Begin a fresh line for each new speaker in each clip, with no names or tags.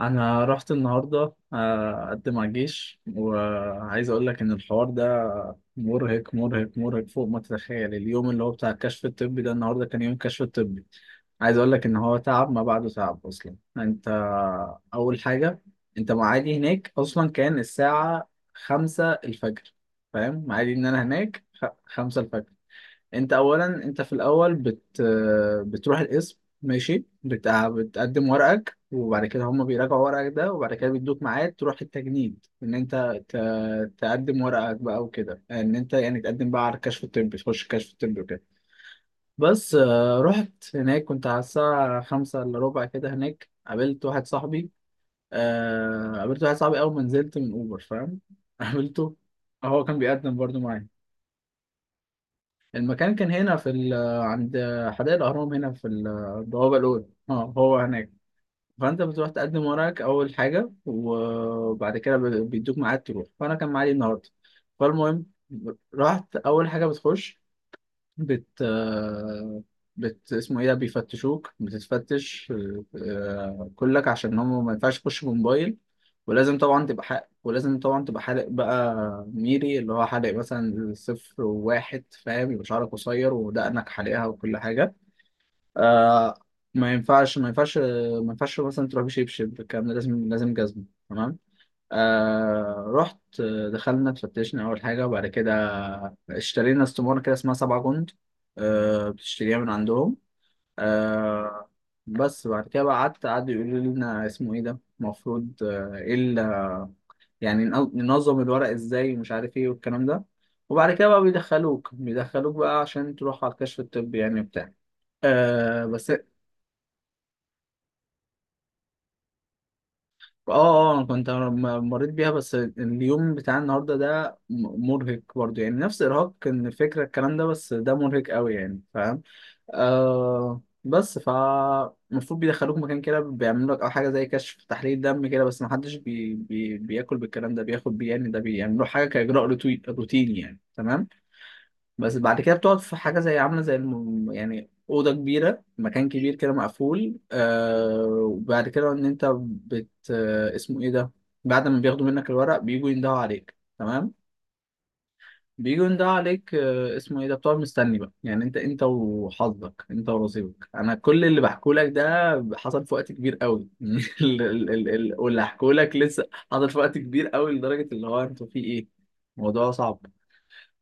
انا رحت النهارده اقدم على الجيش، وعايز اقول لك ان الحوار ده مرهق مرهق مرهق فوق ما تتخيل. اليوم اللي هو بتاع الكشف الطبي ده، النهارده كان يوم كشف الطبي. عايز اقول لك ان هو تعب ما بعده تعب اصلا. انت اول حاجه، انت معادي هناك اصلا كان الساعه 5 الفجر. فاهم معادي ان انا هناك 5 الفجر. انت اولا، انت في الاول بتروح القسم ماشي، بتقدم ورقك، وبعد كده هم بيراجعوا ورقك ده، وبعد كده بيدوك ميعاد تروح التجنيد ان انت تقدم ورقك بقى وكده، ان انت يعني تقدم بقى على الكشف الطبي، تخش الكشف الطبي وكده. بس رحت هناك، كنت على الساعة 4:45 كده، هناك قابلت واحد صاحبي. قابلت واحد صاحبي اول ما نزلت من اوبر، فاهم؟ قابلته. هو كان بيقدم برضه معايا. المكان كان هنا في عند حدائق الأهرام، هنا في البوابة الأولى، هو هناك. فأنت بتروح تقدم ورقك أول حاجة، وبعد كده بيدوك ميعاد تروح، فأنا كان معادي النهاردة. فالمهم، رحت أول حاجة بتخش، بت آه، بت اسمه ايه ده، بيفتشوك، بتتفتش. كلك، عشان هم ما ينفعش يخشوا بموبايل. ولازم طبعا تبقى ولازم طبعا تبقى حالق بقى، ميري اللي هو حالق مثلا 0 و1، فاهم، يبقى شعرك قصير ودقنك حالقها وكل حاجة. آه، ما ينفعش ما ينفعش ما ينفعش مثلا تروح بشبشب، الكلام ده لازم لازم جزمة. تمام. رحت، دخلنا، اتفتشنا أول حاجة. وبعد كده اشترينا استمارة كده اسمها 7 جند. آه، بتشتريها من عندهم. آه. بس بعد كده بقى قعدوا يقولوا لنا اسمه ايه ده المفروض، يعني ننظم الورق ازاي ومش عارف ايه والكلام ده. وبعد كده بقى بيدخلوك بقى عشان تروح على الكشف الطبي، يعني بتاع. بس. اه اه، انا كنت مريت بيها، بس اليوم بتاع النهارده ده مرهق برضه، يعني نفس ارهاق كان الفكره الكلام ده، بس ده مرهق قوي، يعني فاهم. آه بس ف المفروض بيدخلوك مكان كده بيعملوا لك او حاجه زي كشف تحليل دم كده، بس ما حدش بياكل بالكلام ده بياخد بيه، يعني ده بيعملوا حاجه كاجراء روتيني، يعني تمام. بس بعد كده بتقعد في حاجة زي عاملة زي يعني أوضة كبيرة، مكان كبير كده مقفول. وبعد كده إن أنت بت آه اسمه إيه ده، بعد ما بياخدوا منك الورق بيجوا يندهوا عليك. تمام. بيجوا يندهوا عليك، اسمه إيه ده، بتقعد مستني بقى، يعني أنت وحظك، أنت ونصيبك. أنا كل اللي بحكوا لك ده حصل في وقت كبير قوي. واللي هحكوا لك لسه حصل في وقت كبير قوي، لدرجة اللي هو أنتوا في إيه، الموضوع صعب.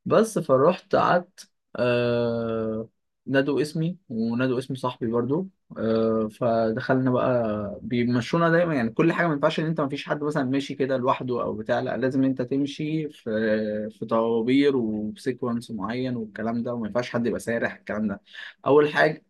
بس فروحت قعدت. آه نادوا اسمي ونادوا اسم صاحبي برضو. فدخلنا بقى، بيمشونا دايما، يعني كل حاجه ما ينفعش ان انت ما فيش حد مثلا ماشي كده لوحده او بتاع، لا، لازم انت تمشي في طوابير وبسيكونس معين والكلام ده، وما ينفعش حد يبقى سارح الكلام ده. اول حاجه،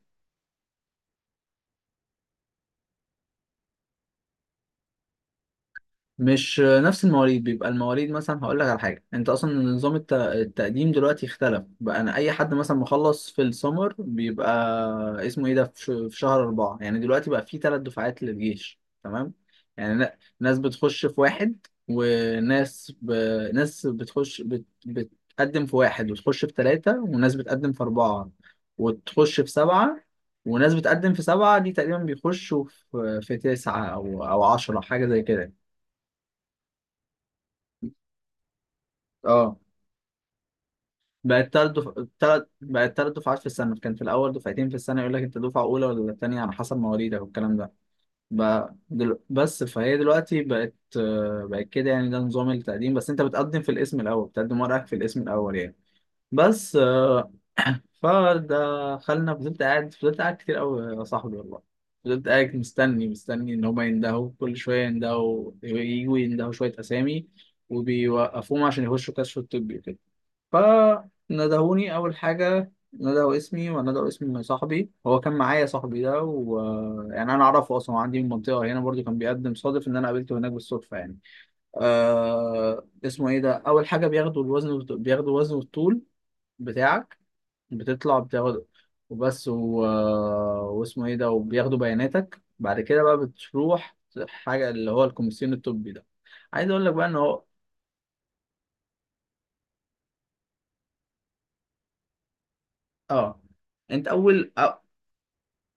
مش نفس المواليد، بيبقى المواليد مثلا هقول لك على حاجه، انت اصلا نظام التقديم دلوقتي اختلف بقى. انا، اي حد مثلا مخلص في السمر بيبقى اسمه ايه ده في في شهر 4. يعني دلوقتي بقى في 3 دفعات للجيش، تمام. يعني ناس بتخش في 1، وناس ب... ناس بتخش بت... بتقدم في واحد وتخش في 3، وناس بتقدم في 4 وتخش في 7، وناس بتقدم في 7، دي تقريبا بيخشوا في تسعه او 10، حاجه زي كده. اه، بقت تلات، بقت 3 دفعات في السنة. كان في الأول دفعتين في السنة، يقول لك أنت دفعة أولى ولا تانية على حسب مواليدك والكلام ده. بس فهي دلوقتي بقت، بقت كده، يعني ده نظام التقديم. بس أنت بتقدم في الاسم الأول، بتقدم ورقك في الاسم الأول يعني. بس فدخلنا، فضلت قاعد، فضلت قاعد كتير أوي يا صاحبي والله. فضلت قاعد مستني مستني إن هما يندهوا، كل شوية يندهوا، يجوا يندهوا شوية أسامي، وبيوقفوهم عشان يخشوا كشف الطبي وكده. فندهوني أول حاجة، ندهوا اسمي وندهوا اسم صاحبي، هو كان معايا صاحبي ده، ويعني أنا أعرفه أصلا، هو عندي من المنطقة هنا، برضو كان بيقدم، صادف إن أنا قابلته هناك بالصدفة يعني. اسمه إيه ده، أول حاجة بياخدوا الوزن بياخدوا وزن والطول بتاعك، بتطلع بتاخد. وبس و... آه، واسمه إيه ده، وبياخدوا بياناتك. بعد كده بقى بتروح حاجة اللي هو الكوميسيون الطبي ده. عايز أقول لك بقى إن هو، آه انت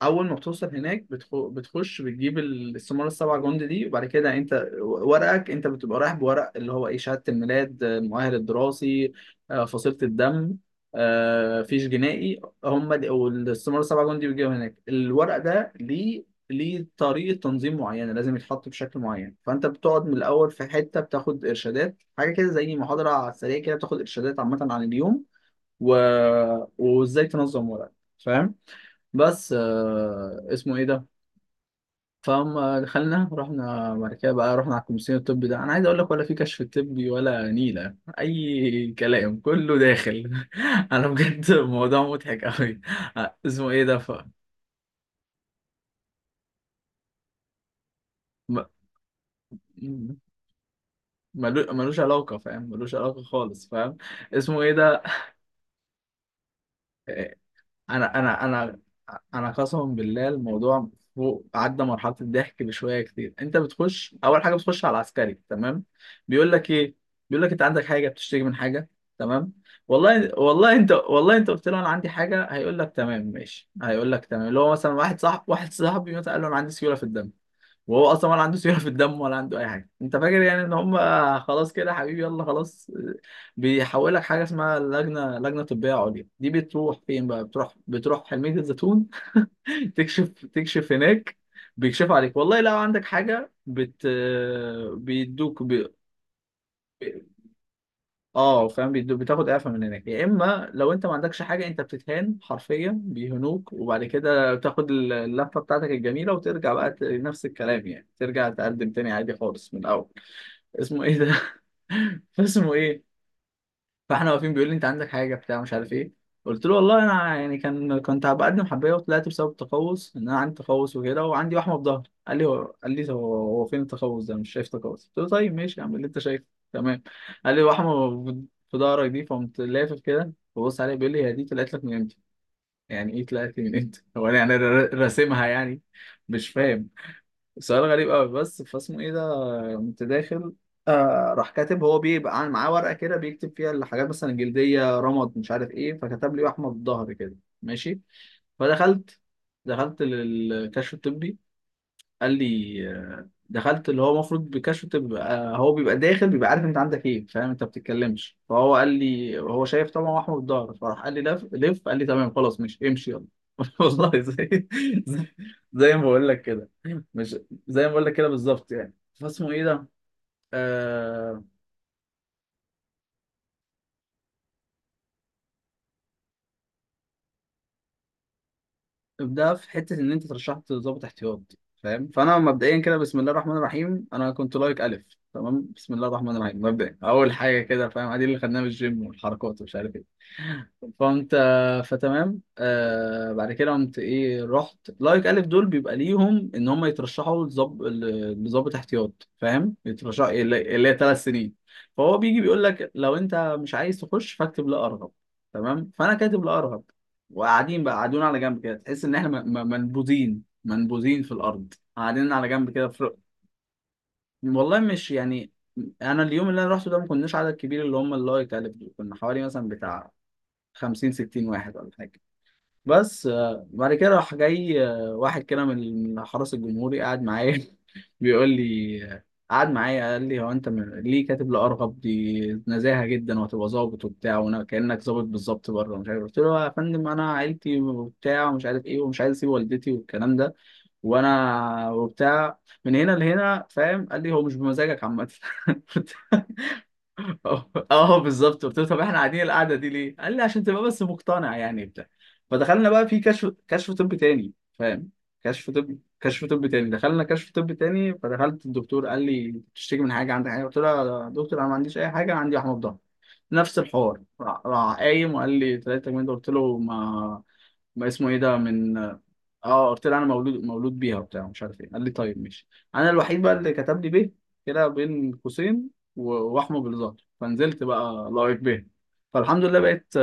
اول ما بتوصل هناك بتخش بتجيب السمارة 7 جندي دي، وبعد كده انت ورقك، انت بتبقى رايح بورق اللي هو ايه، شهادة الميلاد، المؤهل الدراسي، فصيلة الدم، فيش جنائي، هم دي. والسمارة السبعة جندي بيجيبوا هناك الورق ده ليه؟ ليه طريقة تنظيم معينة لازم يتحط بشكل معين. فأنت بتقعد من الأول في حتة بتاخد إرشادات، حاجة كده زي محاضرة على السريع كده، بتاخد إرشادات عامة عن اليوم و... وإزاي تنظم ورقك، فاهم. بس اسمه ايه ده. فهم دخلنا، رحنا بعد كده بقى، رحنا على الكومسيون الطبي ده. انا عايز اقول لك، ولا في كشف طبي ولا نيله، اي كلام كله داخل. انا بجد الموضوع مضحك قوي. اسمه ايه ده ف، م- ملوش علاقه، فاهم، ملوش علاقه خالص، فاهم. اسمه ايه ده. انا انا انا انا قسما بالله، الموضوع فوق، عدى مرحله الضحك بشويه كتير. انت بتخش اول حاجه بتخش على العسكري، تمام. بيقول لك ايه، بيقول لك انت عندك حاجه، بتشتكي من حاجه، تمام. والله والله انت، والله انت قلت له انا عندي حاجه، هيقول لك تمام ماشي، هيقول لك تمام. اللي هو مثلا واحد صاحبي مثلا قال له انا عندي سيوله في الدم، وهو اصلا ولا عنده سيوله في الدم ولا عنده اي حاجه، انت فاكر يعني ان هم، خلاص كده يا حبيبي يلا خلاص. بيحولك حاجه اسمها لجنه طبيه عليا. دي بتروح فين بقى، بتروح حلميه الزيتون. تكشف هناك. بيكشف عليك، والله لو عندك حاجه بيدوك، اه فاهم، بتاخد اعفاء من هناك. يا اما لو انت ما عندكش حاجه، انت بتتهان حرفيا، بيهنوك، وبعد كده بتاخد اللفه بتاعتك الجميله، وترجع بقى نفس الكلام، يعني ترجع تقدم تاني عادي خالص من الاول. اسمه ايه ده. اسمه ايه. فاحنا واقفين، بيقول لي انت عندك حاجه بتاع مش عارف ايه، قلت له والله انا يعني كنت بقدم حبايه، وطلعت بسبب التقوس ان انا عندي تقوس وكده، وعندي وحمه في ظهري. قال لي هو، قال لي هو، فين التقوس ده، مش شايف تقوس. قلت له طيب ماشي، اعمل اللي انت شايفه، تمام. قال لي وحمه في ظهرك دي، فقمت لافف كده ببص عليه، بيقول لي هي دي طلعت لك من امتى. يعني ايه طلعت لي من امتى، هو انا يعني راسمها يعني، مش فاهم. سؤال غريب قوي، بس فاسمه ايه ده. قمت داخل. راح كاتب، هو بيبقى معاه ورقه كده بيكتب فيها الحاجات مثلا الجلديه، رمد، مش عارف ايه. فكتب لي احمد الظهر كده، ماشي. فدخلت دخلت للكشف الطبي. قال لي دخلت، اللي هو المفروض بكشف تبقى هو بيبقى داخل بيبقى عارف انت عندك ايه، فاهم، انت بتتكلمش. فهو قال لي، هو شايف طبعا هو احمد الظهر، فراح قال لي لف لف، قال لي تمام خلاص، مش، امشي يلا. والله، زي زي ما بقول لك كده، مش، زي ما بقول لك كده بالظبط يعني. فاسمه ايه ده؟ آه ابدأ في حته ان انت ترشحت ضابط احتياط، فاهم. فانا مبدئيا كده بسم الله الرحمن الرحيم، انا كنت لايك الف. تمام. بسم الله الرحمن الرحيم، مبدئيا اول حاجه كده فاهم، ادي اللي خدناه من الجيم والحركات ومش عارف ايه. فانت فتمام، بعد كده قمت ايه، رحت لايك الف دول بيبقى ليهم ان هم يترشحوا لظابط احتياط، فاهم، يترشح اللي هي 3 سنين. فهو بيجي بيقول لك لو انت مش عايز تخش فاكتب لا ارغب، تمام. فانا كاتب لا ارغب، وقاعدين بقى قاعدين على جنب كده، تحس ان احنا منبوذين منبوذين في الارض، قاعدين على جنب كده والله مش يعني. انا اليوم اللي انا رحته ده ما كناش عدد كبير، اللي هم اللايك الف دول، كنا حوالي مثلا بتاع 50 60 واحد ولا حاجه. بس بعد كده راح جاي، واحد كده من حرس الجمهوري قاعد معايا. بيقول لي، قعد معايا قال لي، هو انت ليه كاتب لأرغب دي، نزاهة جدا وهتبقى ظابط وبتاع، وانا كأنك ظابط بالظبط بره، مش عارف. قلت له يا فندم، انا عيلتي وبتاع ومش عارف ايه، ومش عايز اسيب والدتي والكلام ده، وانا وبتاع من هنا لهنا، فاهم. قال لي هو مش بمزاجك عامة. اه اه بالظبط. قلت له طب احنا قاعدين القعده دي ليه؟ قال لي عشان تبقى بس مقتنع يعني بتاع. فدخلنا بقى في كشف طب تاني، فاهم؟ كشف طب تاني، دخلنا كشف طب تاني. فدخلت الدكتور قال لي تشتكي من حاجه، عندك حاجه، قلت له يا دكتور انا ما عنديش اي حاجه، انا عندي وحمض ضغط. نفس الحوار، راح قايم وقال لي 3 جنيه، قلت له ما اسمه ايه ده من، اه. قلت له انا مولود بيها وبتاع مش عارف ايه. قال لي طيب ماشي. انا الوحيد بقى اللي كتب لي به كده بين قوسين، واحمد بالظبط، فنزلت بقى لايف به. فالحمد لله بقيت.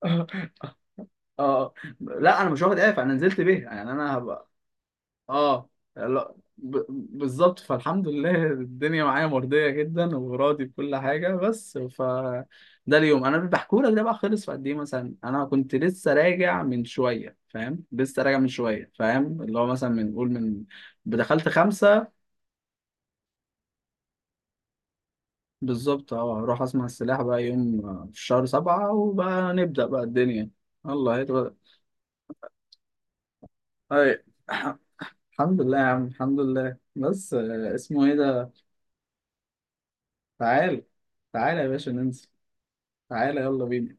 اه، لا انا مش واخد اف، انا نزلت به يعني. انا اه، لا، بالظبط. فالحمد لله الدنيا معايا مرضية جدا وراضي بكل حاجة. بس ف، ده اليوم انا بحكوا لك ده بقى خلص في قد ايه، مثلا انا كنت لسه راجع من شوية فاهم، لسه راجع من شوية فاهم، اللي هو مثلا من قول من، بدخلت خمسة. بالظبط، اه اروح اسمع السلاح بقى يوم، في شهر 7 وبقى نبدأ بقى الدنيا، الله يتغلق. أي. الحمد لله يا عم، الحمد لله، بس اسمه ايه ده. تعال تعال يا باشا ننزل. تعالى يلا بينا.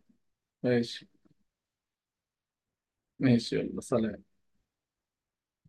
ماشي ماشي يلا سلام.